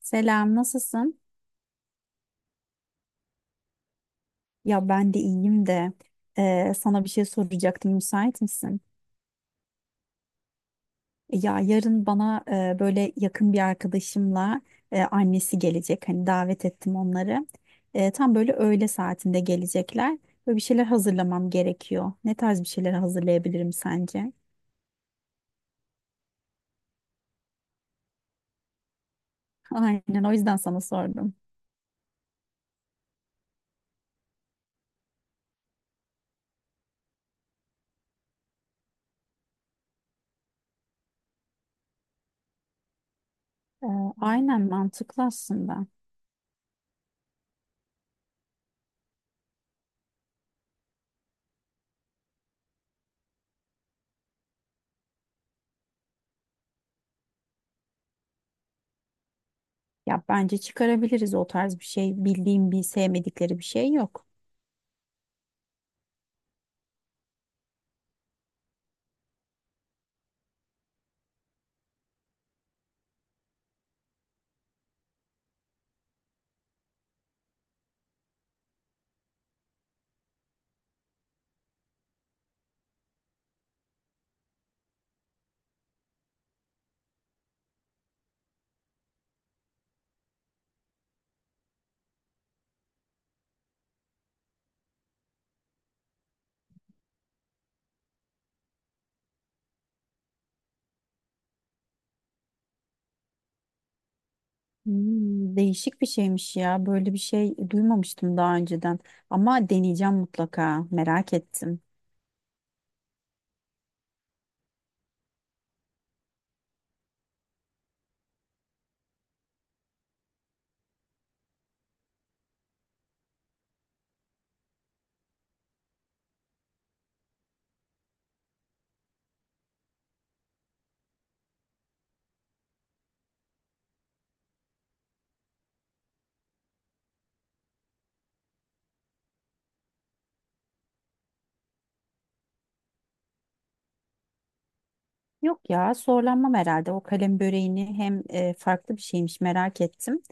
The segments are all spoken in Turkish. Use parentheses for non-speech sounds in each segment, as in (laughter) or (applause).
Selam, nasılsın? Ya ben de iyiyim de sana bir şey soracaktım. Müsait misin? Ya yarın bana böyle yakın bir arkadaşımla annesi gelecek. Hani davet ettim onları. Tam böyle öğle saatinde gelecekler. Böyle bir şeyler hazırlamam gerekiyor. Ne tarz bir şeyler hazırlayabilirim sence? (laughs) Aynen, o yüzden sana sordum. E, aynen mantıklı aslında. Ya bence çıkarabiliriz o tarz bir şey. Bildiğim bir sevmedikleri bir şey yok. Hmm, değişik bir şeymiş ya. Böyle bir şey duymamıştım daha önceden. Ama deneyeceğim mutlaka. Merak ettim. Yok ya, zorlanmam herhalde. O kalem böreğini hem farklı bir şeymiş merak ettim.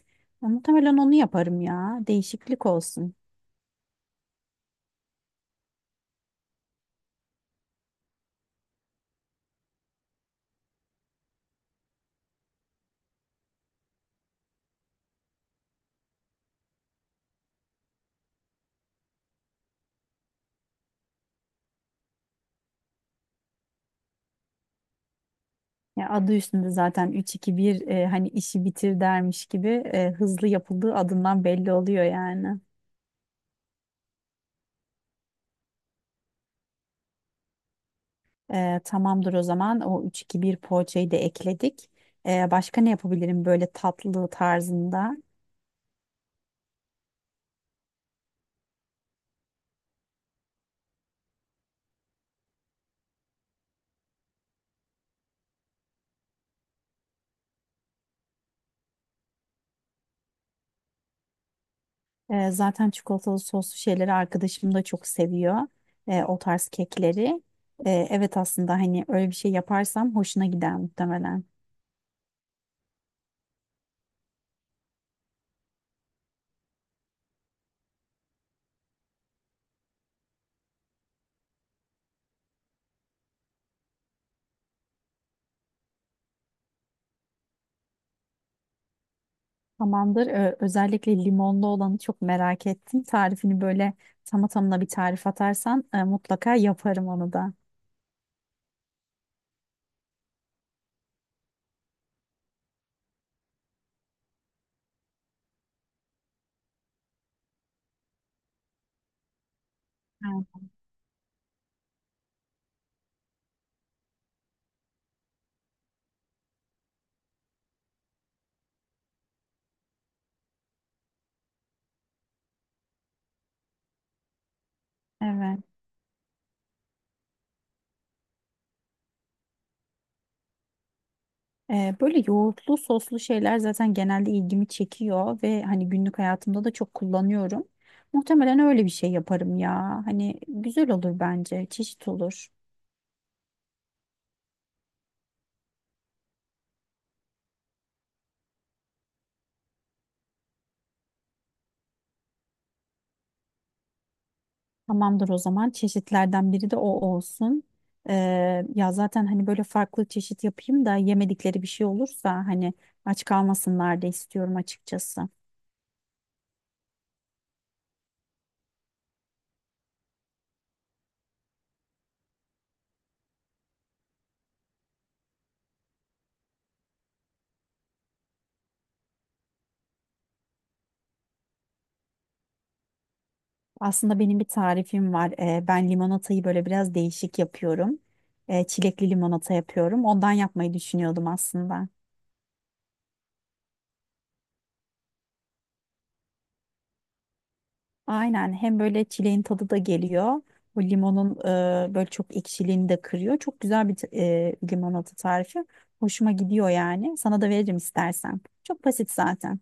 Ya, muhtemelen onu yaparım ya. Değişiklik olsun. Ya adı üstünde zaten üç iki bir hani işi bitir dermiş gibi hızlı yapıldığı adından belli oluyor yani. Tamamdır o zaman. O üç iki bir poğaçayı da ekledik. Başka ne yapabilirim böyle tatlı tarzında? Zaten çikolatalı soslu şeyleri arkadaşım da çok seviyor. O tarz kekleri. Evet aslında hani öyle bir şey yaparsam hoşuna gider muhtemelen. Tamamdır. Özellikle limonlu olanı çok merak ettim. Tarifini böyle tamı tamına bir tarif atarsan mutlaka yaparım onu da. Evet. Böyle yoğurtlu soslu şeyler zaten genelde ilgimi çekiyor ve hani günlük hayatımda da çok kullanıyorum. Muhtemelen öyle bir şey yaparım ya. Hani güzel olur bence. Çeşit olur. Tamamdır o zaman. Çeşitlerden biri de o olsun. Ee, Ya zaten hani böyle farklı çeşit yapayım da yemedikleri bir şey olursa hani aç kalmasınlar da istiyorum açıkçası. Aslında benim bir tarifim var. Ben limonatayı böyle biraz değişik yapıyorum. Çilekli limonata yapıyorum. Ondan yapmayı düşünüyordum aslında. Aynen hem böyle çileğin tadı da geliyor. Bu limonun böyle çok ekşiliğini de kırıyor. Çok güzel bir limonata tarifi. Hoşuma gidiyor yani. Sana da veririm istersen. Çok basit zaten.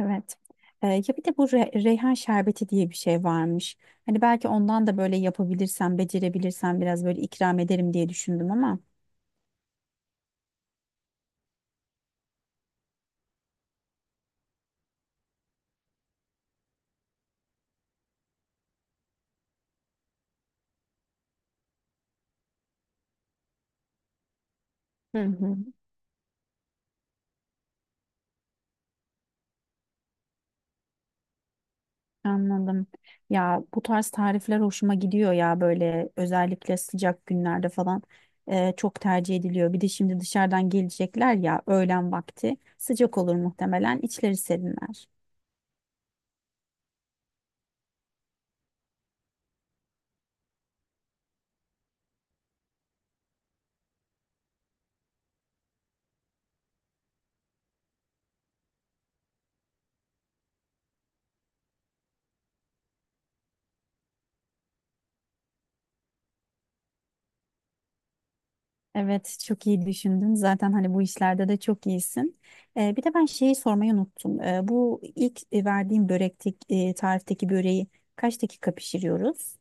Evet. Ya bir de bu reyhan şerbeti diye bir şey varmış. Hani belki ondan da böyle yapabilirsem, becerebilirsem biraz böyle ikram ederim diye düşündüm ama. Hı hı. Anladım. Ya bu tarz tarifler hoşuma gidiyor ya böyle özellikle sıcak günlerde falan çok tercih ediliyor. Bir de şimdi dışarıdan gelecekler ya öğlen vakti sıcak olur muhtemelen içleri serinler. Evet, çok iyi düşündün. Zaten hani bu işlerde de çok iyisin. Bir de ben şeyi sormayı unuttum. Bu ilk verdiğim börektik tarifteki böreği kaç dakika pişiriyoruz?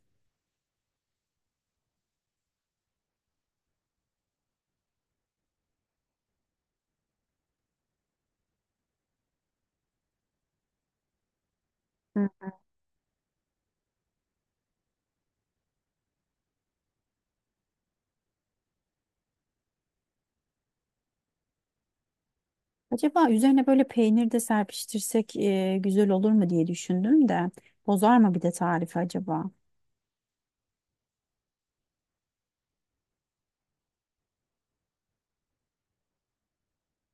Hı. Acaba üzerine böyle peynir de serpiştirsek güzel olur mu diye düşündüm de bozar mı bir de tarifi acaba?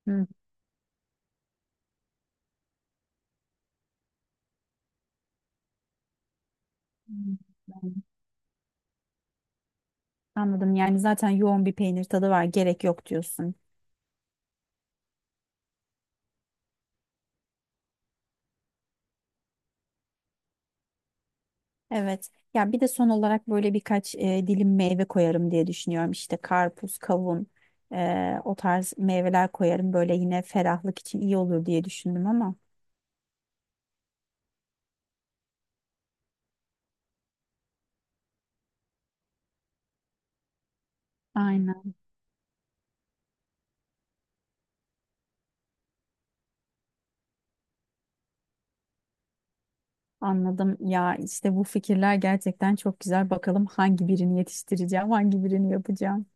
Hı. Hmm. Anladım. Yani zaten yoğun bir peynir tadı var. Gerek yok diyorsun. Evet. Ya bir de son olarak böyle birkaç dilim meyve koyarım diye düşünüyorum. İşte karpuz, kavun, o tarz meyveler koyarım. Böyle yine ferahlık için iyi olur diye düşündüm ama. Aynen. Anladım. Ya işte bu fikirler gerçekten çok güzel. Bakalım hangi birini yetiştireceğim, hangi birini yapacağım.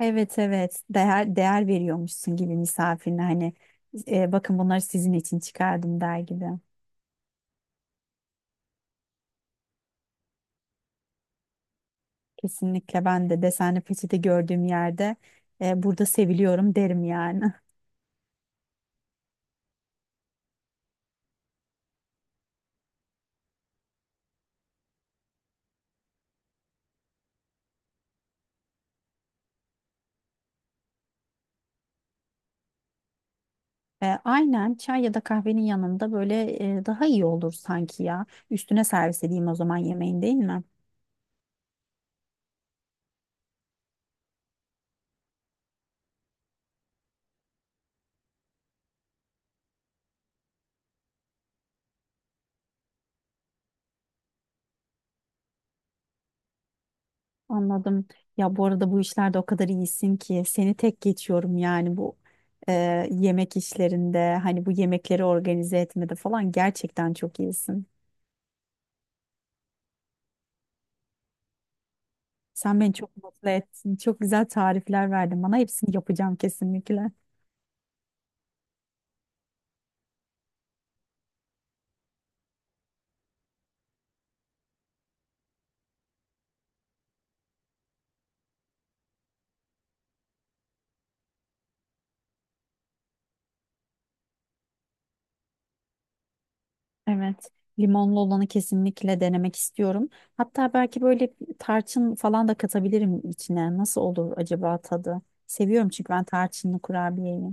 Evet evet. Değer veriyormuşsun gibi misafirine hani bakın bunları sizin için çıkardım der gibi. Kesinlikle ben de desenli peçete gördüğüm yerde burada seviliyorum derim yani. Aynen çay ya da kahvenin yanında böyle daha iyi olur sanki ya. Üstüne servis edeyim o zaman yemeğin değil mi? Anladım. Ya bu arada bu işlerde o kadar iyisin ki seni tek geçiyorum yani bu e, yemek işlerinde hani bu yemekleri organize etmede falan gerçekten çok iyisin. Sen beni çok mutlu ettin. Çok güzel tarifler verdin bana. Hepsini yapacağım kesinlikle. Evet. Limonlu olanı kesinlikle denemek istiyorum. Hatta belki böyle tarçın falan da katabilirim içine. Nasıl olur acaba tadı? Seviyorum çünkü ben tarçınlı kurabiyeyi.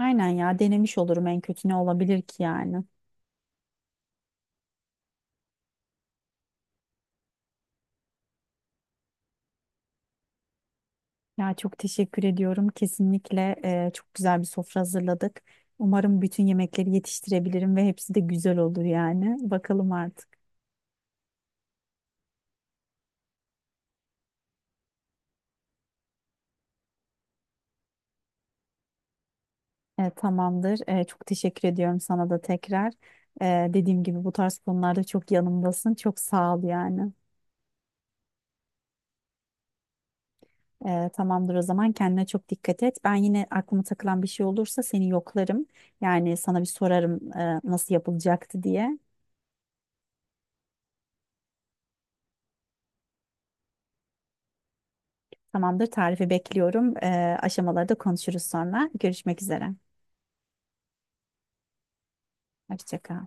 Aynen ya denemiş olurum en kötü ne olabilir ki yani. Ya çok teşekkür ediyorum. Kesinlikle çok güzel bir sofra hazırladık. Umarım bütün yemekleri yetiştirebilirim ve hepsi de güzel olur yani. Bakalım artık. Tamamdır. Çok teşekkür ediyorum sana da tekrar. Dediğim gibi bu tarz konularda çok yanımdasın. Çok sağ ol yani. Tamamdır o zaman kendine çok dikkat et. Ben yine aklıma takılan bir şey olursa seni yoklarım. Yani sana bir sorarım nasıl yapılacaktı diye. Tamamdır tarifi bekliyorum. Aşamalarda konuşuruz sonra. Görüşmek üzere. Hoşça kal.